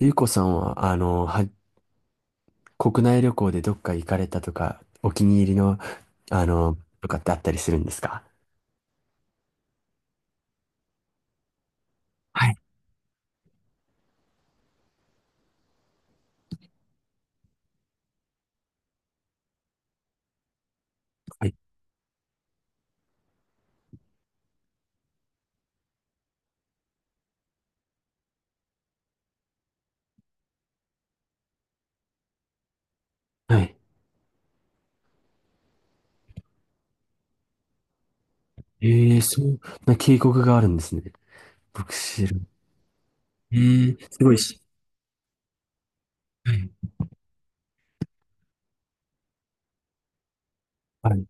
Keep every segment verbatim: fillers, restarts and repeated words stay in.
ゆうこさんは、あの、は、国内旅行でどっか行かれたとか、お気に入りの、あの、とかってあったりするんですか？はい。はい。はい。ええ、そんな渓谷があるんですね。僕知る。ええ、すごいし。はい。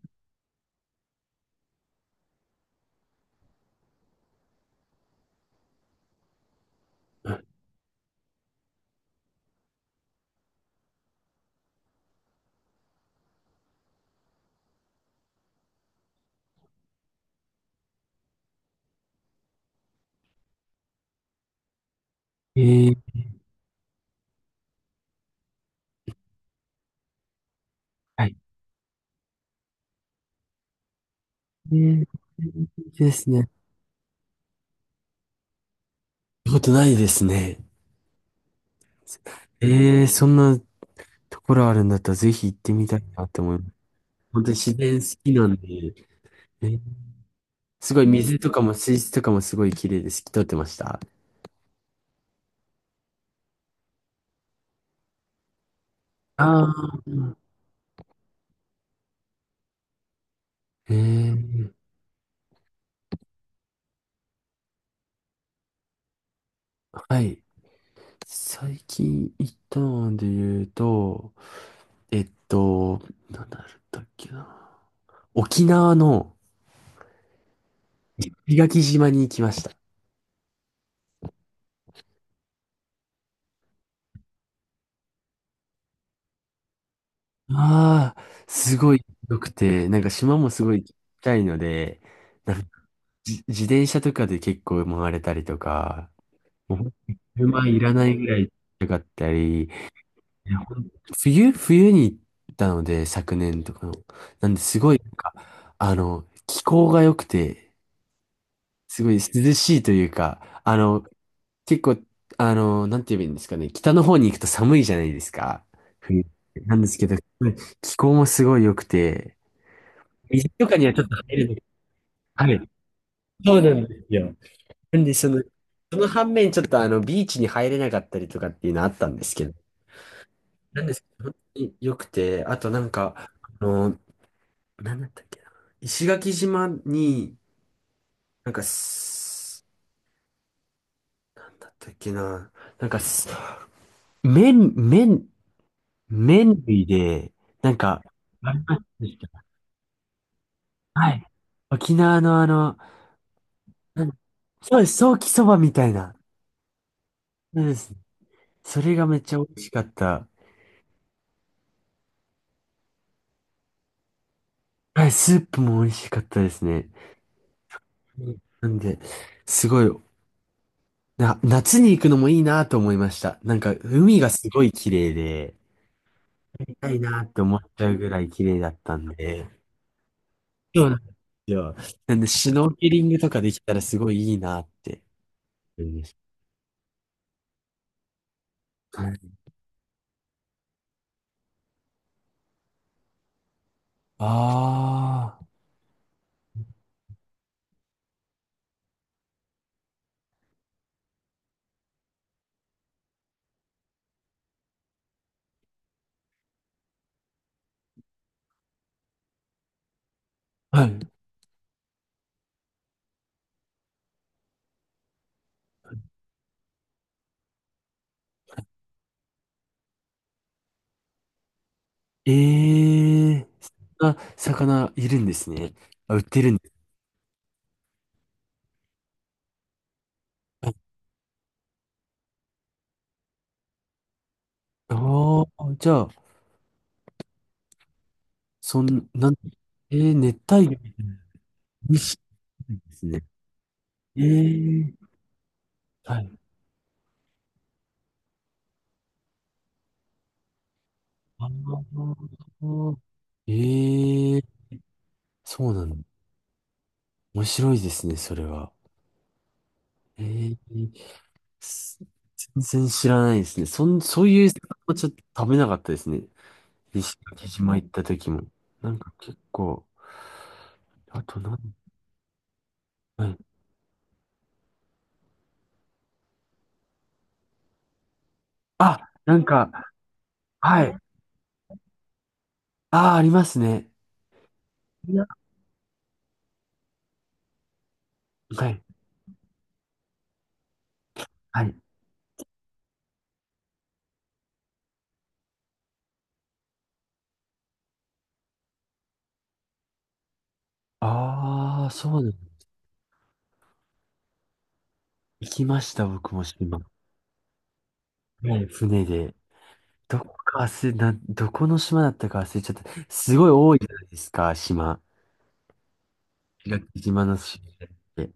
はい。ええ、はい。ええ、ですね。行ったことないですね。ええ、そんなところあるんだったら、ぜひ行ってみたいなと思います。本当に自然好きなんで、ええ、すごい水とかも水質とかもすごい綺麗で好透き通ってました。ああ、ええ、はい。最近行ったので言うと、えっと、なんだったっけな。沖縄の石垣島に行きました。ああ、すごい良くて、なんか島もすごいちっちゃいので、なんかじ自転車とかで結構回れたりとか、もうほんと車いらないぐらいちかったり、いやほん冬、冬に行ったので、昨年とかの。なんで、すごい、なんか、あの、気候が良くて、すごい涼しいというか、あの、結構、あの、なんて言えばいいんですかね、北の方に行くと寒いじゃないですか、冬。なんですけど、気候もすごい良くて、水とかにはちょっと入れない。はい。そうなんですよ。なんで、その、その反面、ちょっとあの、ビーチに入れなかったりとかっていうのあったんですけど、なんですけど、本当に良くて、あとなんか、あの、なんだったっけな。石垣島に、なんかす、なんだったっけな。なんかす、麺、麺、麺類で、なんか、ありました。はい。沖縄のあの、なんそうです、ソーキそばみたいな。そうですね。それがめっちゃ美味しかった。はい、スープも美味しかったですね。うん、なんで、すごい、な、夏に行くのもいいなと思いました。なんか、海がすごい綺麗で、たいなって思っちゃうぐらい綺麗だったんで、そうなんですよ。なんで、シュノーケリングとかできたらすごいいいなって思いました。はい。ああ、はい。ええー、そんな魚いるんですね。あ、売ってるんです。ああー、じゃあ、そん、なん、えー、熱帯魚みたいな。美味しいですね。ええ、はい。ああ、ええ、そうなんだ。面白いですね、それは。ええ、す全然知らないですね。そん、そういう魚はちょっと食べなかったですね。石垣島行った時も。なんか結構、あと何ん、はい。あ、なんか、はい。ああ、ありますね。いや、はい。はい。ああ、そうなんだ。行きました、僕も島。はい、船で。どこか忘れ、な、どこの島だったか忘れちゃった。すごい多いじゃないですか、島。石垣島の島って。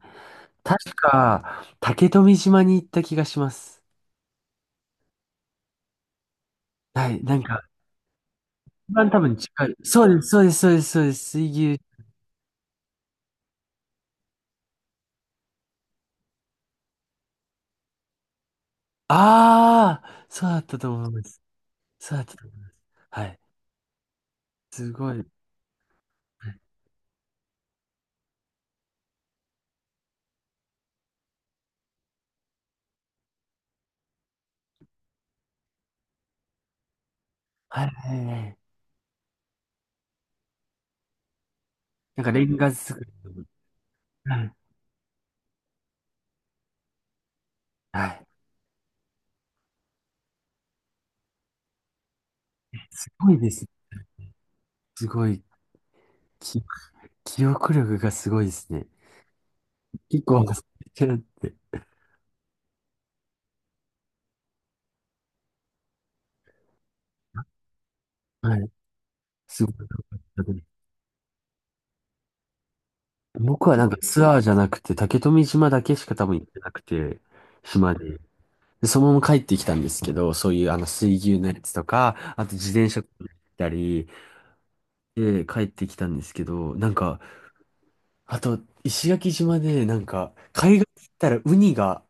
確か、竹富島に行った気がします。はい、なんか、一番多分近い。そうです、そうです、そうです、そうです、水牛。ああ、そうだったと思います。そうだったと思います。はい。すごい。はい、はい、はい。なんか、レンガ作り。はい。はい。すごいですね。すごい。き、記憶力がすごいですね。結構忘れちゃって。はい。すごい。僕はなんかツアーじゃなくて、竹富島だけしか多分行ってなくて、島で。で、そのまま帰ってきたんですけど、そういうあの水牛のやつとか、あと自転車行ったり、で、帰ってきたんですけど、なんか、あと、石垣島で、なんか、海岸行ったらウニが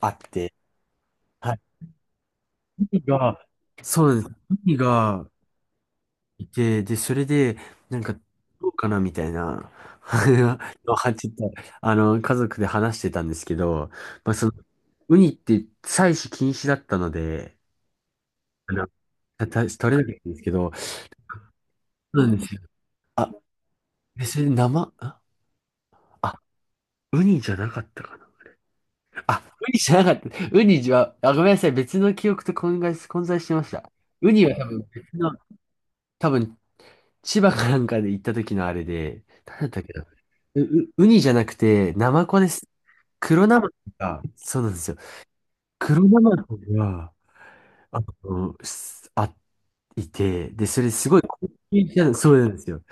あって、はい。ウニが、そうなんです。ウニがいて、で、それで、なんか、どうかなみたいな、はちょっと、あの、家族で話してたんですけど、まあ、その、ウニって採取禁止だったので、あの、た、た取れなかったんですけど、そうなんですよ。あ、別に生、あ、あウニじゃなかったかな。あ、ウニじゃなかった。ウニは、あ、ごめんなさい。別の記憶と混在、混在してました。ウニは多分別の、多分千葉かなんかで行った時のあれで、誰だったっけな。う、うウニじゃなくて、ナマコです。黒ナマコが、そうなんですよ。黒ナマコが、あの、すあ、いて、で、それすごい高級じゃ、そうなんですよ。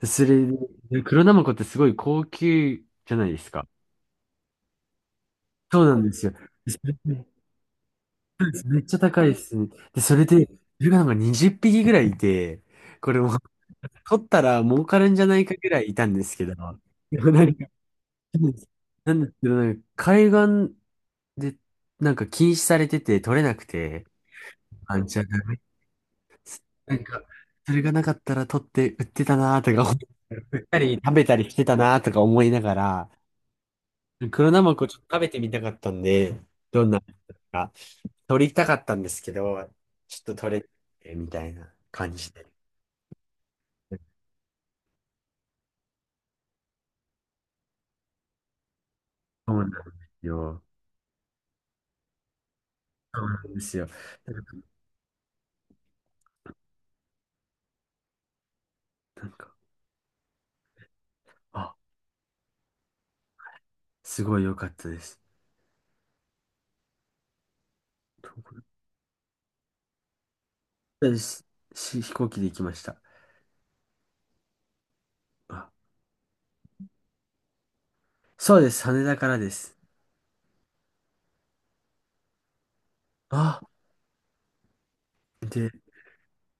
でそれで、黒ナマコってすごい高級じゃないですか。そうなんですよ。でそれでそうですめっちゃ高いですね。で、それで、それがなんかにじゅっぴきぐらいいて、これも取ったら儲かるんじゃないかぐらいいたんですけど、でもなんか、ですなんですけど、なんか海岸でなんか禁止されてて取れなくて、あ、ちゃあダなんか、それがなかったら取って売ってたなとか思ったり、食べたりしてたなとか思いながら、黒ナマコちょっと食べてみたかったんで、どんなのか。取りたかったんですけど、ちょっと取れなくてみたいな感じで。そうなんですよ。そうなんですよ。なんか、なんかあ、すごい良かったです。どこです。し、飛行機で行きました。あ、そうです。羽田からです。あ、で、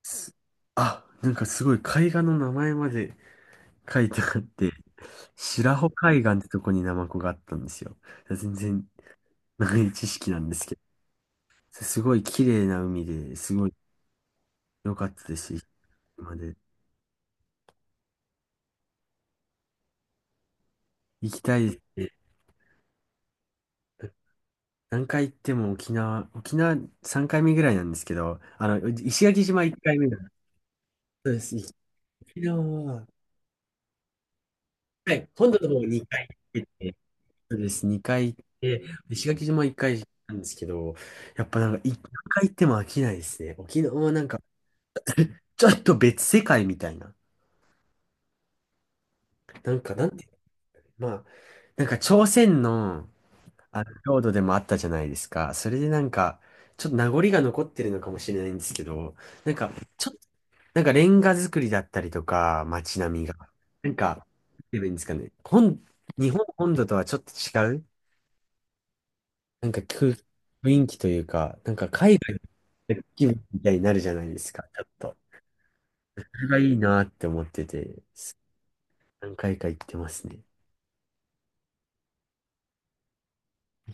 すあ、なんかすごい海岸の名前まで書いてあって、白穂海岸ってとこにナマコがあったんですよ。全然長い知識なんですけど、すごい綺麗な海ですごい良かったです。まで行きたいですし、何回行っても沖縄、沖縄さんかいめぐらいなんですけど、あの、石垣島いっかいめだ。そうです。沖縄は、はい、本土の方にかい行ってて、そうです、にかい行って、石垣島いっかいなんですけど、やっぱなんか、い何回行っても飽きないですね。沖縄はなんか、ちょっと別世界みたいな。なんか、なんて、まあ、なんか朝鮮の、あの、領土でもあったじゃないですか。それでなんか、ちょっと名残が残ってるのかもしれないんですけど、なんか、ちょっと、なんかレンガ作りだったりとか、街並みが、なんか、なんて言えばいいんですかね。本、日本本土とはちょっと違う、なんか空雰囲気というか、なんか海外の気分みたいになるじゃないですか、ちょっと。それがいいなって思ってて、何回か行ってますね。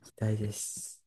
期待です。